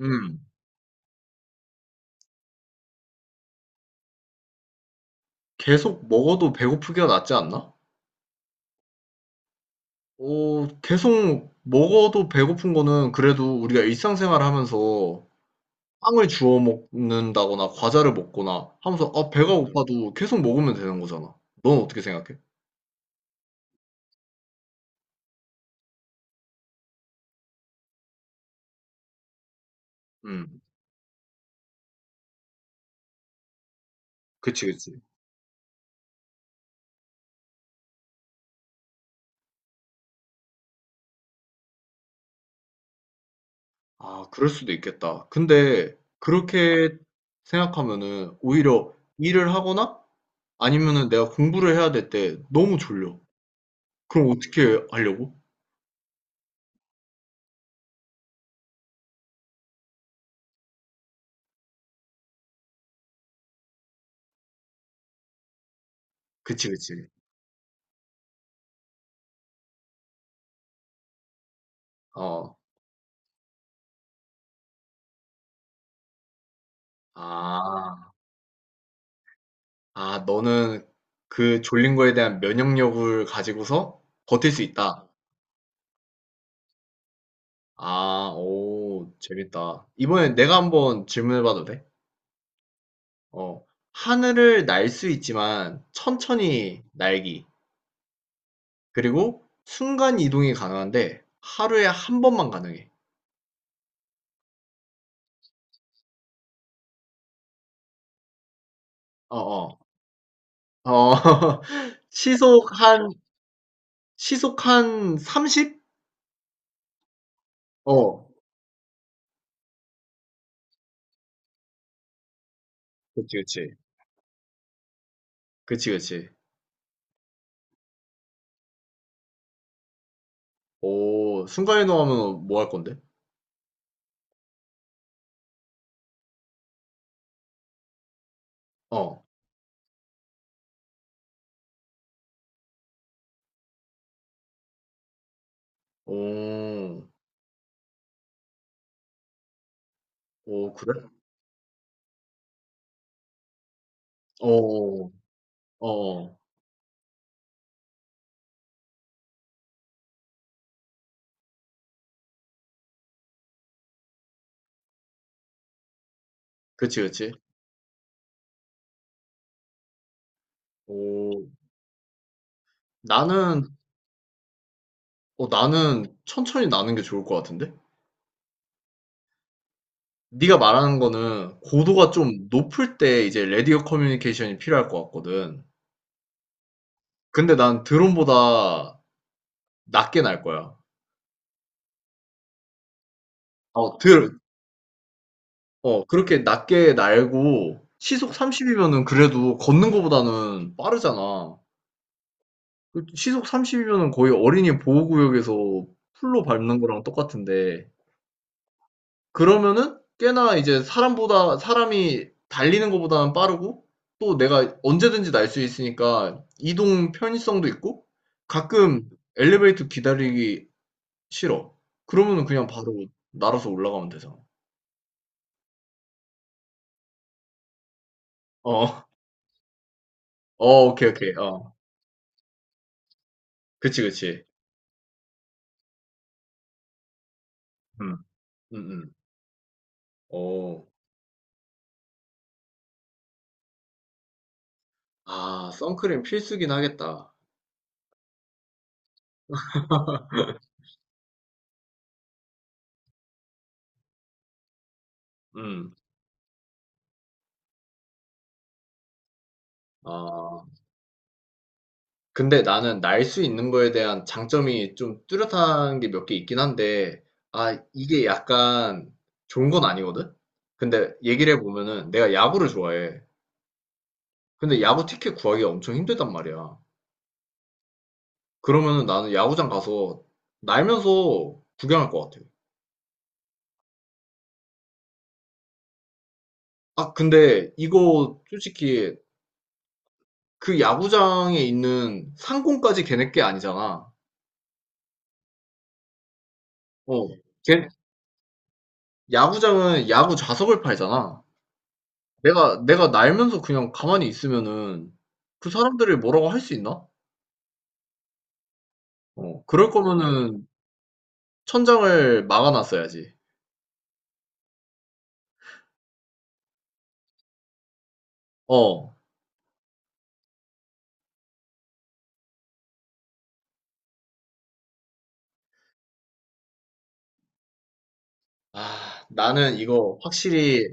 음. 계속 먹어도 배고프기가 낫지 않나? 어, 계속 먹어도 배고픈 거는 그래도 우리가 일상생활 하면서 빵을 주워 먹는다거나 과자를 먹거나 하면서 아, 배가 고파도 계속 먹으면 되는 거잖아. 넌 어떻게 생각해? 음. 그치, 그치. 아, 그럴 수도 있겠다. 근데 그렇게 생각하면은 오히려 일을 하거나 아니면은 내가 공부를 해야 될 때 너무 졸려. 그럼 어떻게 하려고? 그치, 그치. 어. 아. 아, 너는 그 졸린 거에 대한 면역력을 가지고서 버틸 수 있다. 아, 오, 재밌다. 이번엔 내가 한번 질문해 봐도 돼? 어. 하늘을 날 수 있지만 천천히 날기. 그리고 순간 이동이 가능한데 하루에 한 번만 가능해. 어어. 어. 어, 시속 한 시속 한 30? 어. 그치, 그치. 그치, 그치. 오, 순간 이동하면 뭐 할 건데? 어. 오. 오, 그래? 어, 어, 어. 그치, 그치. 오, 나는, 나는 천천히 나는 게 좋을 것 같은데? 네가 말하는 거는 고도가 좀 높을 때 이제 레디오 커뮤니케이션이 필요할 것 같거든. 근데 난 드론보다 낮게 날 거야. 어, 드, 그렇게 낮게 날고 시속 30이면은 그래도 걷는 거보다는 빠르잖아. 그 시속 30이면은 거의 어린이 보호구역에서 풀로 밟는 거랑 똑같은데 그러면은 꽤나 이제 사람보다 사람이 달리는 것보다는 빠르고, 또 내가 언제든지 날 수 있으니까 이동 편의성도 있고, 가끔 엘리베이터 기다리기 싫어. 그러면은 그냥 바로 날아서 올라가면 되잖아. 어, 어, 오케이, 오케이. 어, 그치, 그치. 음, 음, 음. 어, 아, 선크림 필수긴 하겠다. 음, 아. 근데 나는 날 수 있는 거에 대한 장점이 좀 뚜렷한 게 몇 개 있긴 한데, 아, 이게 약간 좋은 건 아니거든? 근데 얘기를 해보면은 내가 야구를 좋아해. 근데 야구 티켓 구하기가 엄청 힘들단 말이야. 그러면은 나는 야구장 가서 날면서 구경할 것 같아. 아, 근데 이거 솔직히 그 야구장에 있는 상공까지 걔네 게 아니잖아. 어, 걔, 야구장은 야구 좌석을 팔잖아. 내가 날면서 그냥 가만히 있으면은 그 사람들이 뭐라고 할 수 있나? 어. 그럴 거면은 천장을 막아 놨어야지. 어. 아, 나는 이거 확실히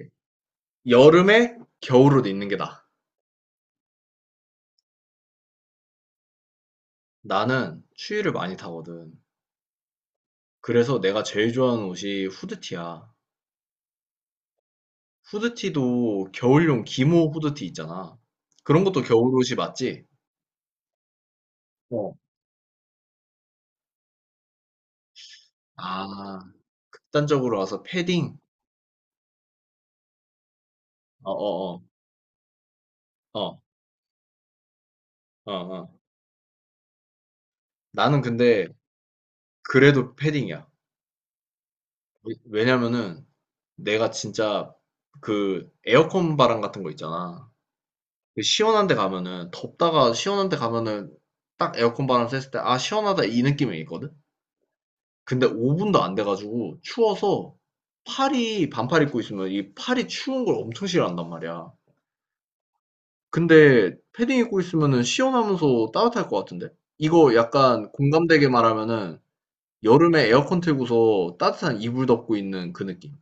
여름에 겨울옷 입는 게 나아. 나는 추위를 많이 타거든. 그래서 내가 제일 좋아하는 옷이 후드티야. 후드티도 겨울용 기모 후드티 있잖아. 그런 것도 겨울옷이 맞지? 어. 아, 극단적으로 와서 패딩. 어, 어, 어. 어. 어어. 나는 근데 그래도 패딩이야. 왜냐면은 내가 진짜 그 에어컨 바람 같은 거 있잖아. 그 시원한 데 가면은 덥다가 시원한 데 가면은 딱 에어컨 바람 쐈을 때 아, 시원하다, 이 느낌이 있거든. 근데 5분도 안 돼가지고 추워서, 팔이, 반팔 입고 있으면 이 팔이 추운 걸 엄청 싫어한단 말이야. 근데 패딩 입고 있으면은 시원하면서 따뜻할 것 같은데? 이거 약간 공감되게 말하면은 여름에 에어컨 틀고서 따뜻한 이불 덮고 있는 그 느낌.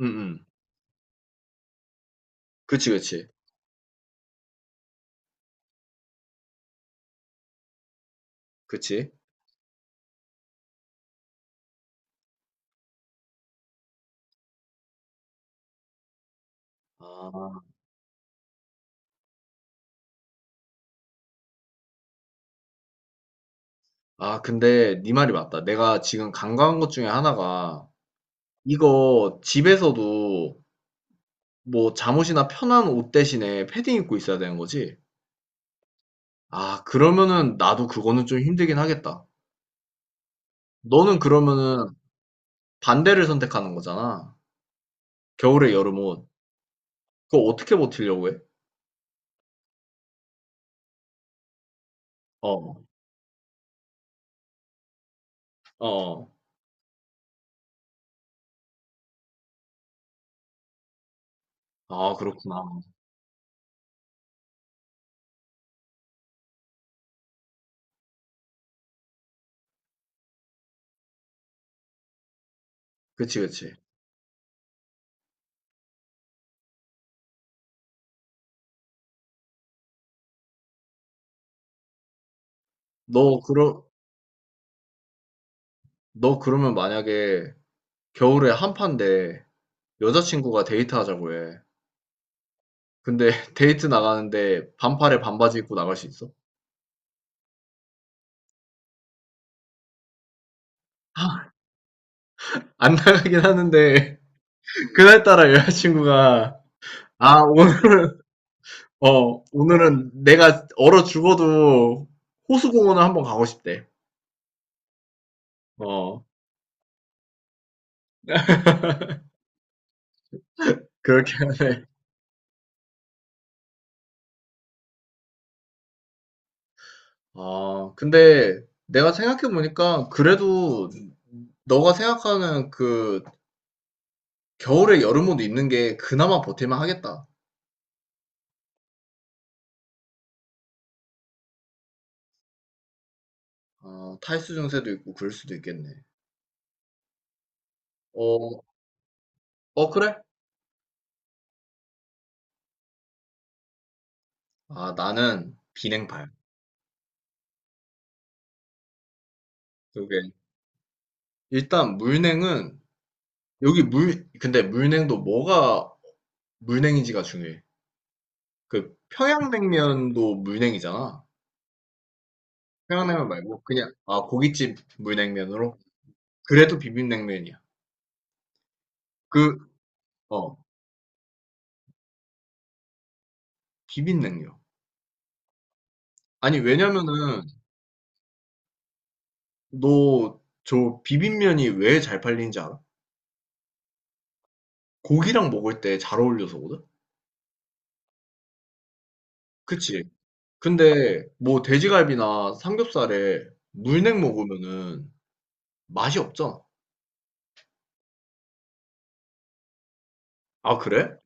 응응. 그치, 그치. 그치. 아. 아, 근데 네 말이 맞다. 내가 지금 간과한 것 중에 하나가, 이거 집에서도 뭐 잠옷이나 편한 옷 대신에 패딩 입고 있어야 되는 거지? 아, 그러면은 나도 그거는 좀 힘들긴 하겠다. 너는 그러면은 반대를 선택하는 거잖아. 겨울에 여름 옷. 그거 어떻게 버티려고 해? 어. 어, 어. 아, 그렇구나. 그치, 그치. 너 그러 너 그러면 만약에 겨울에 한파인데 여자친구가 데이트하자고 해. 근데 데이트 나가는데 반팔에 반바지 입고 나갈 수 있어? 안 나가긴 하는데 그날따라 여자친구가 아 오늘 오늘은 내가 얼어 죽어도 호수공원을 한번 가고 싶대. 어, 그렇게 하네. 아, 근데 내가 생각해 보니까, 그래도 너가 생각하는 그 겨울에 여름 옷 입는 게 그나마 버틸만 하겠다. 어, 탈수 증세도 있고 그럴 수도 있겠네. 어, 어, 그래? 아, 나는 비냉발. 그게 일단 물냉은 여기 물 근데 물냉도 뭐가 물냉인지가 중요해. 그 평양냉면도 물냉이잖아. 평양냉면 말고 그냥 아, 고깃집 물냉면으로 그래도 비빔냉면이야. 그 어 비빔냉면. 아니, 왜냐면은 너 저 비빔면이 왜 잘 팔리는지 알아? 고기랑 먹을 때 잘 어울려서거든. 그치? 근데 뭐 돼지갈비나 삼겹살에 물냉 먹으면은 맛이 없잖아. 아, 그래?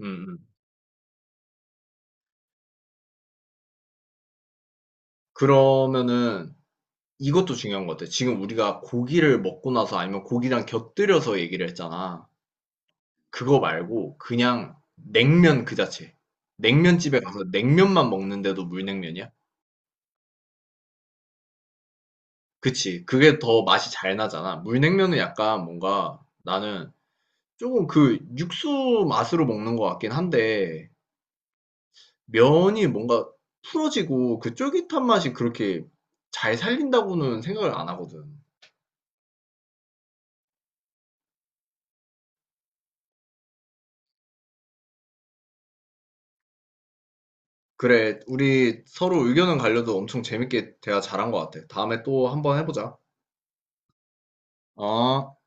음. 음. 그러면은 이것도 중요한 것 같아. 지금 우리가 고기를 먹고 나서, 아니면 고기랑 곁들여서 얘기를 했잖아. 그거 말고 그냥 냉면 그 자체. 냉면집에 가서 냉면만 먹는데도 물냉면이야? 그치. 그게 더 맛이 잘 나잖아. 물냉면은 약간 뭔가, 나는 조금 그 육수 맛으로 먹는 것 같긴 한데, 면이 뭔가 풀어지고 그 쫄깃한 맛이 그렇게 잘 살린다고는 생각을 안 하거든. 그래, 우리 서로 의견은 갈려도 엄청 재밌게 대화 잘한 것 같아. 다음에 또 한번 해보자. 어?